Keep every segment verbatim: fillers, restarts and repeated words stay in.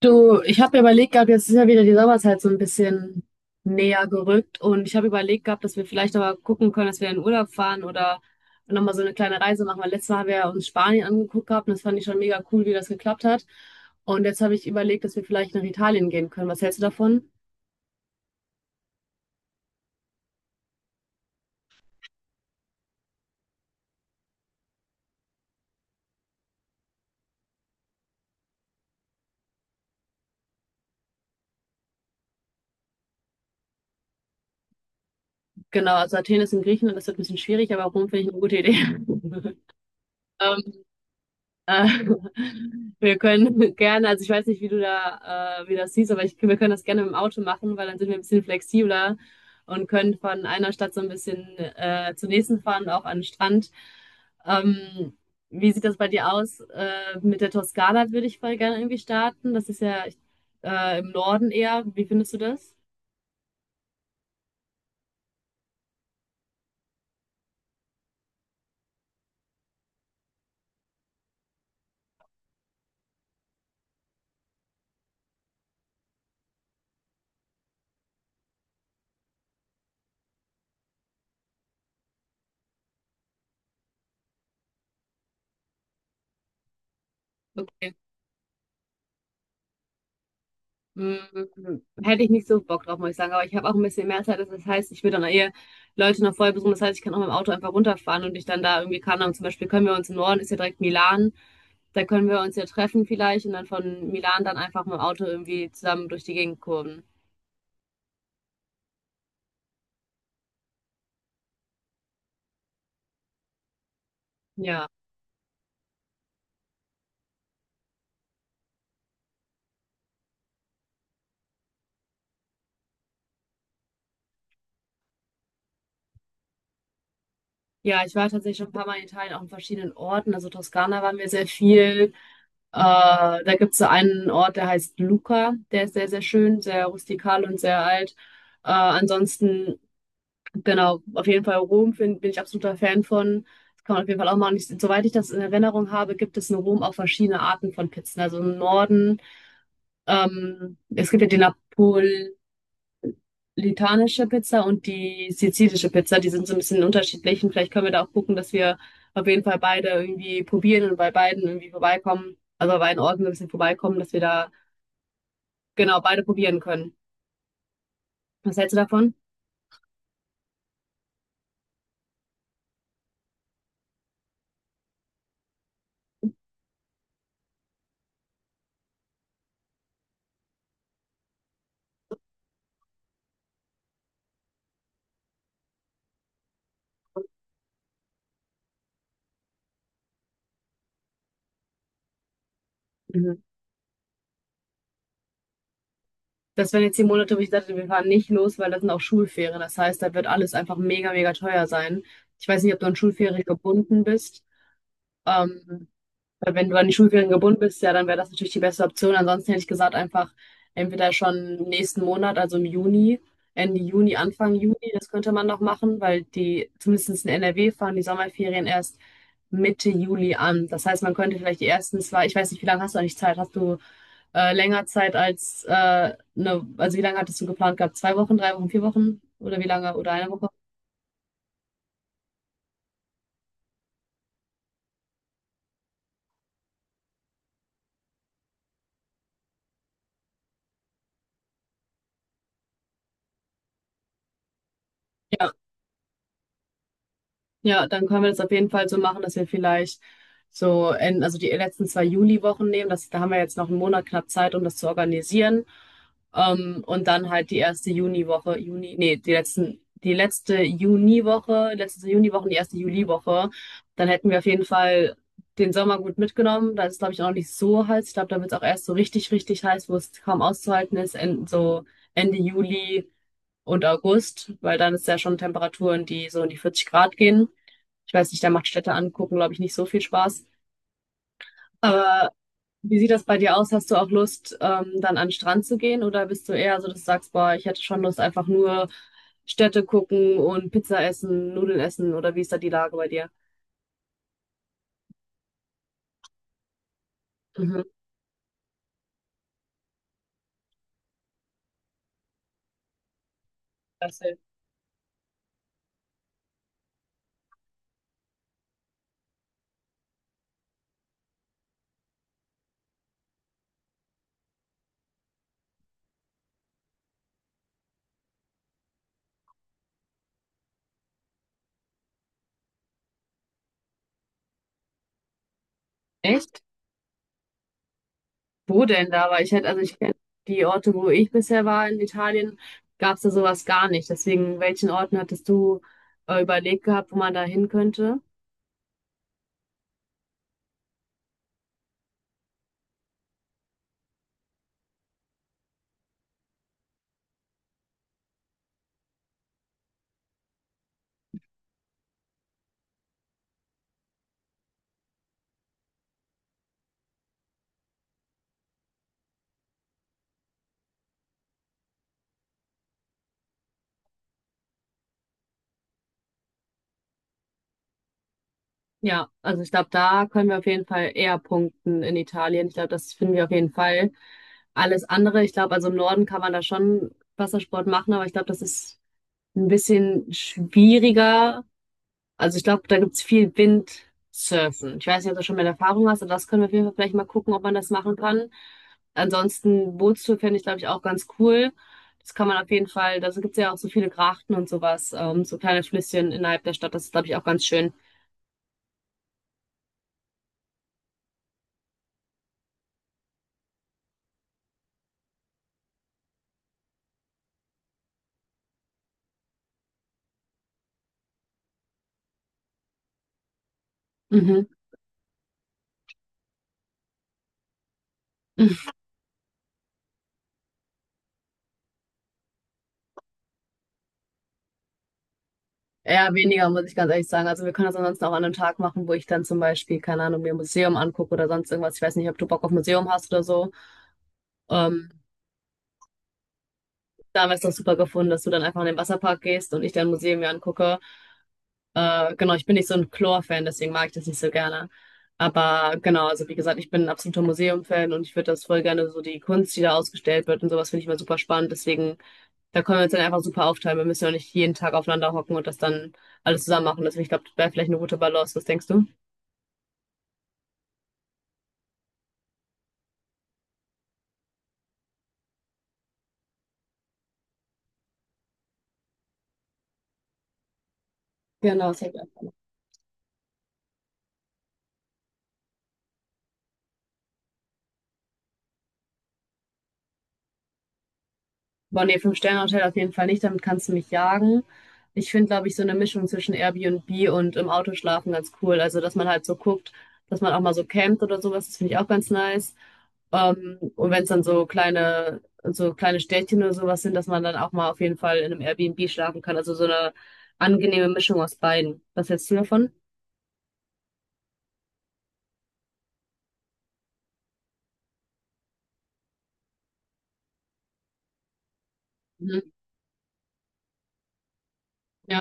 Du, ich habe mir überlegt gehabt, jetzt ist ja wieder die Sommerzeit so ein bisschen näher gerückt und ich habe überlegt gehabt, dass wir vielleicht aber gucken können, dass wir in den Urlaub fahren oder nochmal so eine kleine Reise machen, weil letztes Mal haben wir ja uns Spanien angeguckt gehabt und das fand ich schon mega cool, wie das geklappt hat. Und jetzt habe ich überlegt, dass wir vielleicht nach Italien gehen können. Was hältst du davon? Genau, also Athen ist in Griechenland, das wird ein bisschen schwierig, aber Rom finde ich eine gute Idee. Ähm, Äh, wir können gerne, also ich weiß nicht, wie du da, äh, wie das siehst, aber ich, wir können das gerne mit dem Auto machen, weil dann sind wir ein bisschen flexibler und können von einer Stadt so ein bisschen äh, zur nächsten fahren, auch an den Strand. Ähm, wie sieht das bei dir aus? Äh, mit der Toskana würde ich voll gerne irgendwie starten. Das ist ja äh, im Norden eher. Wie findest du das? Mm, Hätte ich nicht so Bock drauf, muss ich sagen. Aber ich habe auch ein bisschen mehr Zeit. Das heißt, ich würde dann eher Leute noch vorher besuchen. Das heißt, ich kann auch mit dem Auto einfach runterfahren und ich dann da irgendwie kann. Und zum Beispiel können wir uns im Norden, ist ja direkt Milan. Da können wir uns ja treffen vielleicht und dann von Milan dann einfach mit dem Auto irgendwie zusammen durch die Gegend kurven. Ja. Ja, ich war tatsächlich schon ein paar Mal in Italien, auch in verschiedenen Orten. Also Toskana waren wir sehr viel. Äh, da gibt es so einen Ort, der heißt Lucca. Der ist sehr, sehr schön, sehr rustikal und sehr alt. Äh, ansonsten, genau, auf jeden Fall Rom find, bin ich absoluter Fan von. Das kann man auf jeden Fall auch machen. Ich, soweit ich das in Erinnerung habe, gibt es in Rom auch verschiedene Arten von Pizzen. Also im Norden, ähm, es gibt ja die napolitanische Pizza und die sizilische Pizza. Die sind so ein bisschen unterschiedlich. Und vielleicht können wir da auch gucken, dass wir auf jeden Fall beide irgendwie probieren und bei beiden irgendwie vorbeikommen. Also bei beiden Orten so ein bisschen vorbeikommen, dass wir da genau beide probieren können. Was hältst du davon? Das wären jetzt die Monate, wo ich dachte, wir fahren nicht los, weil das sind auch Schulferien. Das heißt, da wird alles einfach mega, mega teuer sein. Ich weiß nicht, ob du an Schulferien gebunden bist. Ähm, weil wenn du an die Schulferien gebunden bist, ja, dann wäre das natürlich die beste Option. Ansonsten hätte ich gesagt, einfach entweder schon im nächsten Monat, also im Juni, Ende Juni, Anfang Juni, das könnte man noch machen, weil die, zumindest in N R W, fahren die Sommerferien erst Mitte Juli an. Das heißt, man könnte vielleicht die ersten zwei, ich weiß nicht, wie lange hast du eigentlich Zeit? Hast du äh, länger Zeit als äh, eine, also wie lange hattest du geplant gehabt? Zwei Wochen, drei Wochen, vier Wochen oder wie lange? Oder eine Woche? Ja. Ja, dann können wir das auf jeden Fall so machen, dass wir vielleicht so in, also die letzten zwei Juliwochen nehmen. Das, da haben wir jetzt noch einen Monat knapp Zeit, um das zu organisieren. Ähm, und dann halt die erste Juniwoche, Juni, nee, die letzten, die letzte Juniwoche, letzte Juniwoche und die erste Juliwoche. Dann hätten wir auf jeden Fall den Sommer gut mitgenommen. Da ist es, glaube ich, noch nicht so heiß. Ich glaube, da wird es auch erst so richtig, richtig heiß, wo es kaum auszuhalten ist, in, so Ende Juli und August, weil dann ist ja schon Temperaturen, die so in die vierzig Grad gehen. Ich weiß nicht, da macht Städte angucken, glaube ich, nicht so viel Spaß. Aber wie sieht das bei dir aus? Hast du auch Lust, ähm, dann an den Strand zu gehen? Oder bist du eher so, dass du sagst, boah, ich hätte schon Lust, einfach nur Städte gucken und Pizza essen, Nudeln essen? Oder wie ist da die Lage bei dir? Mhm. Das hilft. Echt? Wo denn da? Weil ich hätte, also ich kenn die Orte, wo ich bisher war in Italien, gab es da sowas gar nicht. Deswegen, welchen Orten hattest du äh, überlegt gehabt, wo man da hin könnte? Ja, also ich glaube, da können wir auf jeden Fall eher punkten in Italien. Ich glaube, das finden wir auf jeden Fall. Alles andere, ich glaube, also im Norden kann man da schon Wassersport machen, aber ich glaube, das ist ein bisschen schwieriger. Also ich glaube, da gibt es viel Windsurfen. Ich weiß nicht, ob du schon mal Erfahrung hast, aber das können wir auf jeden Fall vielleicht mal gucken, ob man das machen kann. Ansonsten Bootstour fände ich, glaube ich, auch ganz cool. Das kann man auf jeden Fall, da gibt es ja auch so viele Grachten und sowas, ähm, so kleine Flüsschen innerhalb der Stadt. Das ist, glaube ich, auch ganz schön. Mhm. Eher weniger, muss ich ganz ehrlich sagen. Also wir können das ansonsten auch an einem Tag machen, wo ich dann zum Beispiel, keine Ahnung, mir ein Museum angucke oder sonst irgendwas. Ich weiß nicht, ob du Bock auf Museum hast oder so. Ähm, da haben wir es doch super gefunden, dass du dann einfach in den Wasserpark gehst und ich dann ein Museum mir angucke. Äh, genau, ich bin nicht so ein Chlor-Fan, deswegen mag ich das nicht so gerne. Aber genau, also wie gesagt, ich bin ein absoluter Museum-Fan und ich würde das voll gerne so die Kunst, die da ausgestellt wird und sowas finde ich immer super spannend. Deswegen, da können wir uns dann einfach super aufteilen. Wir müssen ja nicht jeden Tag aufeinander hocken und das dann alles zusammen machen. Deswegen, ich glaube, das wäre vielleicht eine gute Balance. Was denkst du? Genau, das hab ich auch gemacht. Boah, nee, Fünf-Sterne-Hotel auf jeden Fall nicht, damit kannst du mich jagen. Ich finde, glaube ich, so eine Mischung zwischen Airbnb und im Auto schlafen ganz cool. Also, dass man halt so guckt, dass man auch mal so campt oder sowas, das finde ich auch ganz nice. Ähm, und wenn es dann so kleine, so kleine Städtchen oder sowas sind, dass man dann auch mal auf jeden Fall in einem Airbnb schlafen kann. Also so eine angenehme Mischung aus beiden. Was hältst du davon? Mhm. Ja.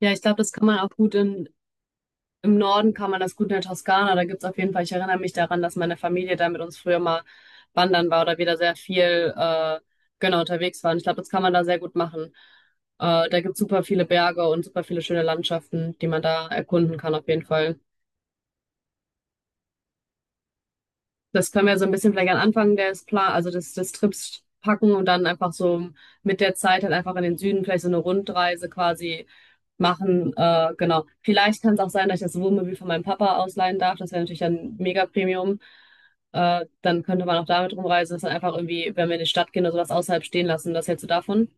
Ja, ich glaube, das kann man auch gut in Im Norden kann man das gut in der Toskana. Da gibt es auf jeden Fall, ich erinnere mich daran, dass meine Familie da mit uns früher mal wandern war oder wieder sehr viel äh, genau unterwegs waren. Ich glaube, das kann man da sehr gut machen. Äh, da gibt's super viele Berge und super viele schöne Landschaften, die man da erkunden kann auf jeden Fall. Das können wir so ein bisschen vielleicht am Anfang des Plan, also des, des Trips packen und dann einfach so mit der Zeit halt einfach in den Süden vielleicht so eine Rundreise quasi machen. Äh, genau. Vielleicht kann es auch sein, dass ich das Wohnmobil von meinem Papa ausleihen darf. Das wäre natürlich ein mega Premium. Äh, dann könnte man auch damit rumreisen, dass dann einfach irgendwie, wenn wir in die Stadt gehen oder sowas außerhalb stehen lassen. Was hältst du davon?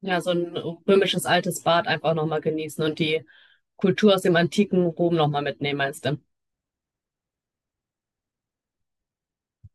Ja, so ein römisches altes Bad einfach nochmal genießen und die Kultur aus dem antiken Rom nochmal mitnehmen, meinst du?